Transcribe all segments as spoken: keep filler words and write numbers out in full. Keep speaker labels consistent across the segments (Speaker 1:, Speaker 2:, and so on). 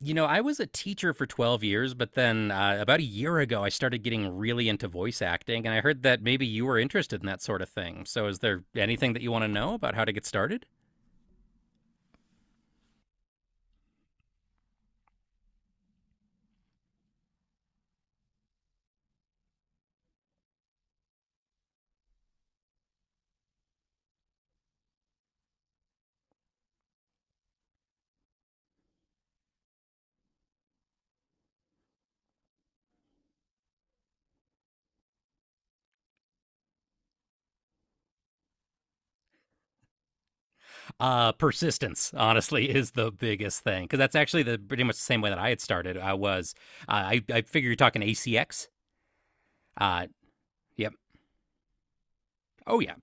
Speaker 1: You know, I was a teacher for twelve years, but then uh, about a year ago, I started getting really into voice acting, and I heard that maybe you were interested in that sort of thing. So, is there anything that you want to know about how to get started? Uh, persistence, honestly, is the biggest thing because that's actually the pretty much the same way that I had started. I was, uh, I, I figure you're talking A C X. Uh, yep. Oh, yeah,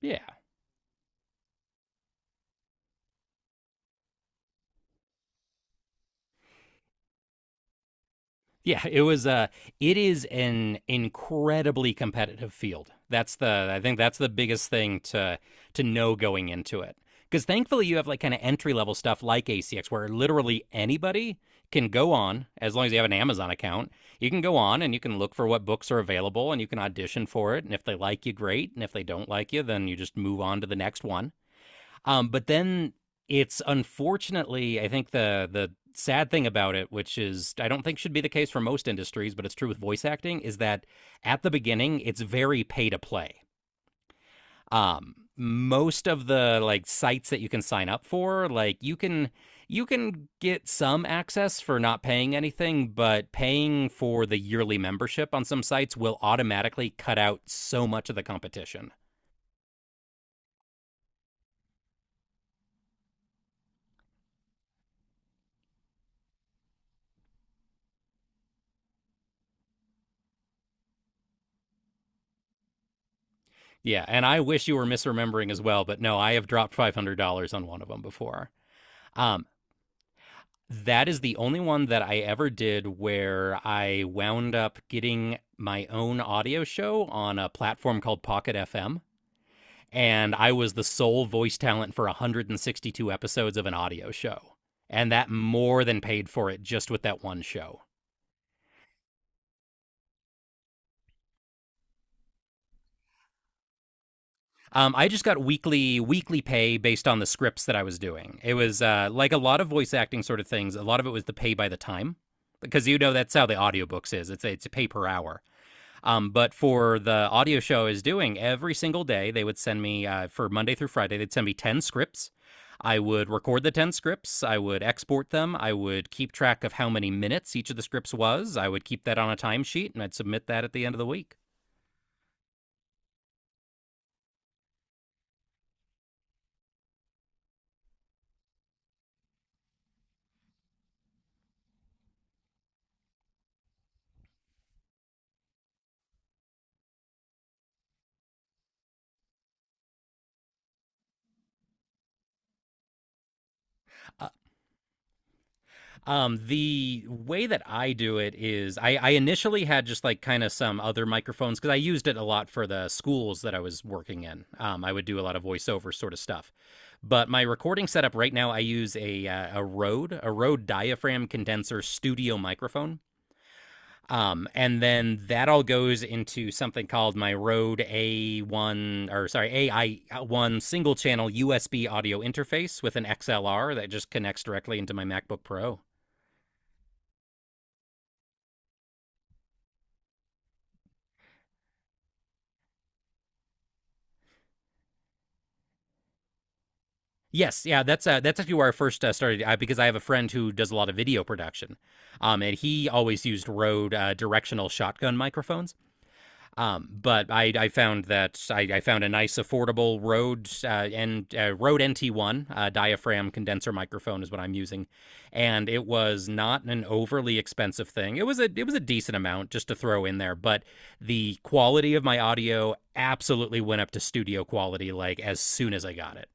Speaker 1: yeah. Yeah, it was uh it is an incredibly competitive field. That's the I think that's the biggest thing to to know going into it. Cuz thankfully you have like kind of entry level stuff like A C X where literally anybody can go on as long as you have an Amazon account. You can go on and you can look for what books are available and you can audition for it, and if they like you, great, and if they don't like you, then you just move on to the next one. Um, but then it's unfortunately, I think the the sad thing about it, which is I don't think should be the case for most industries, but it's true with voice acting, is that at the beginning it's very pay to play. Um, most of the like sites that you can sign up for, like you can you can get some access for not paying anything, but paying for the yearly membership on some sites will automatically cut out so much of the competition. Yeah, and I wish you were misremembering as well, but no, I have dropped five hundred dollars on one of them before. Um, that is the only one that I ever did where I wound up getting my own audio show on a platform called Pocket F M, and I was the sole voice talent for one hundred sixty-two episodes of an audio show. And that more than paid for it just with that one show. Um, I just got weekly weekly pay based on the scripts that I was doing. It was uh, like a lot of voice acting sort of things. A lot of it was the pay by the time because you know that's how the audiobooks is. It's it's a pay per hour. Um, but for the audio show I was doing every single day, they would send me uh, for Monday through Friday. They'd send me ten scripts. I would record the ten scripts. I would export them. I would keep track of how many minutes each of the scripts was. I would keep that on a timesheet, and I'd submit that at the end of the week. Um, the way that I do it is I, I initially had just like kind of some other microphones because I used it a lot for the schools that I was working in. Um, I would do a lot of voiceover sort of stuff. But my recording setup right now, I use a uh, a Rode a Rode diaphragm condenser studio microphone. Um, and then that all goes into something called my Rode A one, or sorry, A I one single channel U S B audio interface with an X L R that just connects directly into my MacBook Pro. Yes, yeah, that's uh, that's actually where I first uh, started uh, because I have a friend who does a lot of video production, um, and he always used Rode uh, directional shotgun microphones, um, but I, I found that I, I found a nice, affordable Rode uh, and uh, Rode N T one uh, diaphragm condenser microphone is what I'm using, and it was not an overly expensive thing. It was a it was a decent amount just to throw in there, but the quality of my audio absolutely went up to studio quality like as soon as I got it.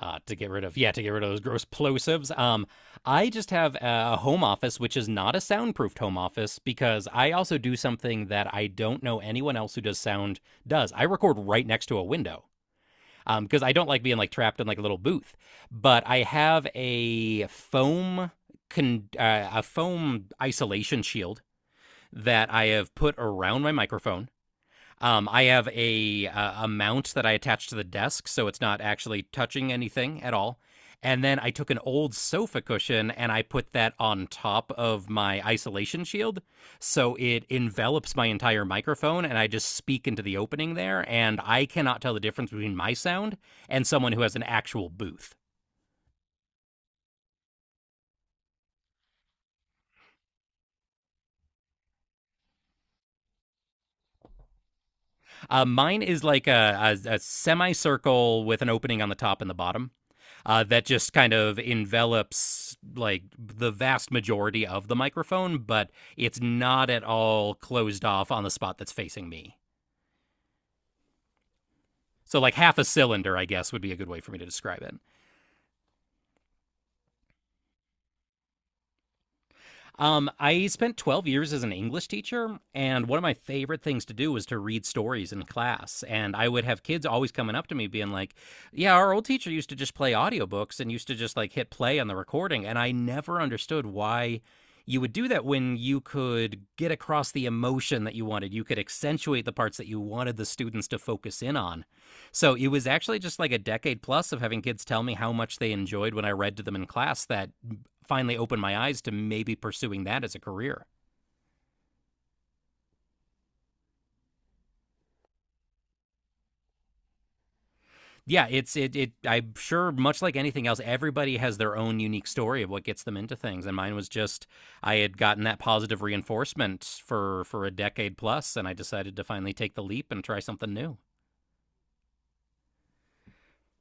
Speaker 1: Uh, to get rid of yeah to get rid of those gross plosives. um I just have a home office which is not a soundproofed home office because I also do something that I don't know anyone else who does sound does. I record right next to a window um because I don't like being like trapped in like a little booth. But I have a foam con- uh, a foam isolation shield that I have put around my microphone. um, I have a uh, a mount that I attach to the desk, so it's not actually touching anything at all. And then I took an old sofa cushion and I put that on top of my isolation shield. So it envelops my entire microphone, and I just speak into the opening there. And I cannot tell the difference between my sound and someone who has an actual booth. Uh, mine is like a, a, a semicircle with an opening on the top and the bottom uh, that just kind of envelops like the vast majority of the microphone, but it's not at all closed off on the spot that's facing me. So, like half a cylinder, I guess, would be a good way for me to describe it. Um, I spent twelve years as an English teacher, and one of my favorite things to do was to read stories in class. And I would have kids always coming up to me being like, "Yeah, our old teacher used to just play audiobooks and used to just like hit play on the recording." And I never understood why you would do that when you could get across the emotion that you wanted. You could accentuate the parts that you wanted the students to focus in on. So it was actually just like a decade plus of having kids tell me how much they enjoyed when I read to them in class that finally opened my eyes to maybe pursuing that as a career. Yeah, it's it it I'm sure much like anything else everybody has their own unique story of what gets them into things, and mine was just I had gotten that positive reinforcement for for a decade plus, and I decided to finally take the leap and try something new.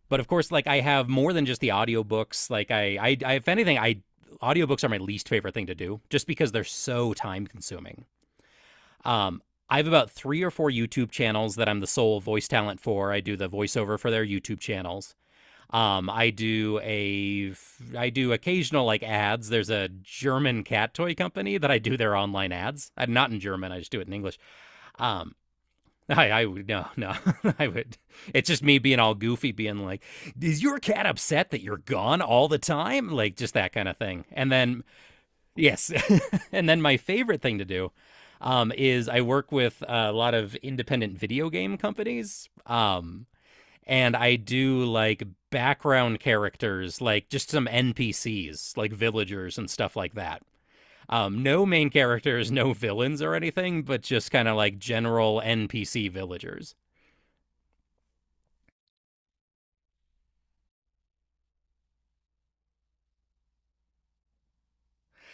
Speaker 1: But of course like I have more than just the audiobooks like I I, I, if anything, I audiobooks are my least favorite thing to do just because they're so time consuming. Um, I have about three or four YouTube channels that I'm the sole voice talent for. I do the voiceover for their YouTube channels. Um, I do a I do occasional like ads. There's a German cat toy company that I do their online ads. I'm not in German. I just do it in English. Um, I I would. No, no. I would. It's just me being all goofy, being like, "Is your cat upset that you're gone all the time?" Like just that kind of thing. And then yes. And then my favorite thing to do um, is I work with a lot of independent video game companies. Um, and I do like background characters, like just some N P Cs, like villagers and stuff like that. Um, no main characters, no villains or anything, but just kind of like general N P C villagers.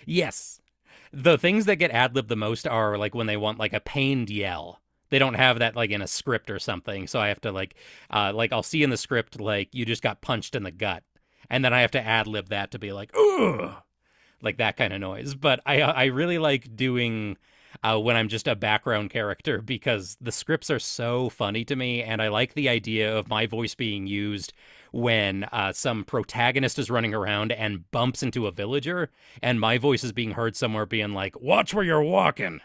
Speaker 1: Yes. The things that get ad libbed the most are like when they want like a pained yell. They don't have that like in a script or something. So I have to like, uh, like I'll see in the script like you just got punched in the gut, and then I have to ad lib that to be like, ugh, like that kind of noise. But I I really like doing uh, when I'm just a background character because the scripts are so funny to me, and I like the idea of my voice being used when uh, some protagonist is running around and bumps into a villager, and my voice is being heard somewhere being like, "Watch where you're walking."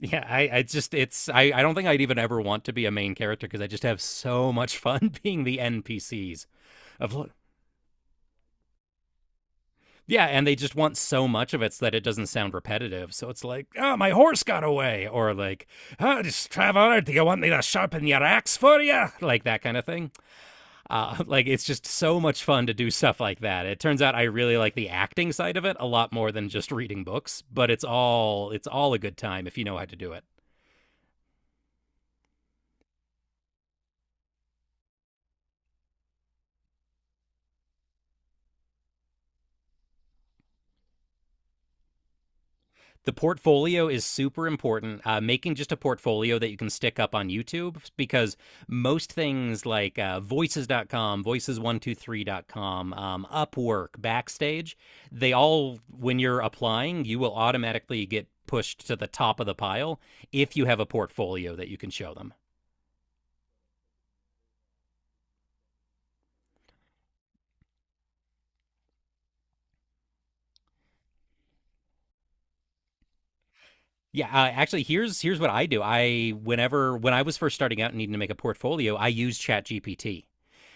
Speaker 1: Yeah, I, I just it's I, I don't think I'd even ever want to be a main character because I just have so much fun being the N P Cs of. Yeah, and they just want so much of it so that it doesn't sound repetitive. So it's like, oh, my horse got away, or like, oh, just traveler, do you want me to sharpen your axe for you? Like that kind of thing. Uh, like it's just so much fun to do stuff like that. It turns out I really like the acting side of it a lot more than just reading books, but it's all it's all a good time if you know how to do it. The portfolio is super important. Uh, making just a portfolio that you can stick up on YouTube because most things like uh, Voices dot com, voices one two three dot com, one two three dot com, um, Upwork, Backstage, they all, when you're applying, you will automatically get pushed to the top of the pile if you have a portfolio that you can show them. Yeah, uh, actually, here's here's what I do. I whenever when I was first starting out and needing to make a portfolio, I used ChatGPT,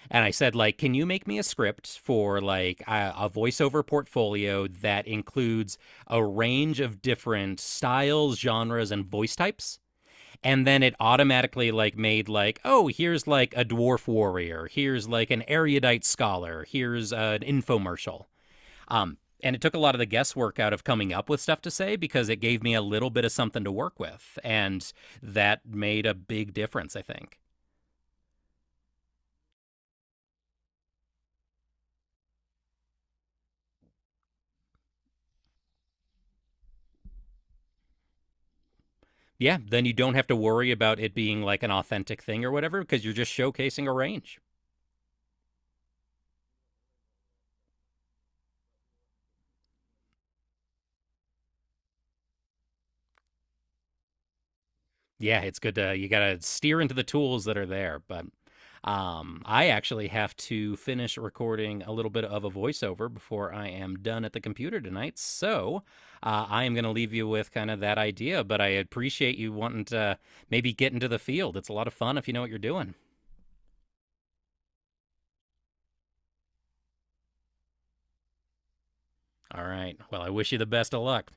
Speaker 1: and I said, like, can you make me a script for like a, a voiceover portfolio that includes a range of different styles, genres, and voice types? And then it automatically like made like, oh, here's like a dwarf warrior, here's like an erudite scholar, here's uh, an infomercial. Um, and it took a lot of the guesswork out of coming up with stuff to say because it gave me a little bit of something to work with, and that made a big difference, I think. Yeah, then you don't have to worry about it being like an authentic thing or whatever because you're just showcasing a range. Yeah, it's good to you got to steer into the tools that are there, but um, I actually have to finish recording a little bit of a voiceover before I am done at the computer tonight. So uh, I am going to leave you with kind of that idea, but I appreciate you wanting to maybe get into the field. It's a lot of fun if you know what you're doing. All right. Well, I wish you the best of luck.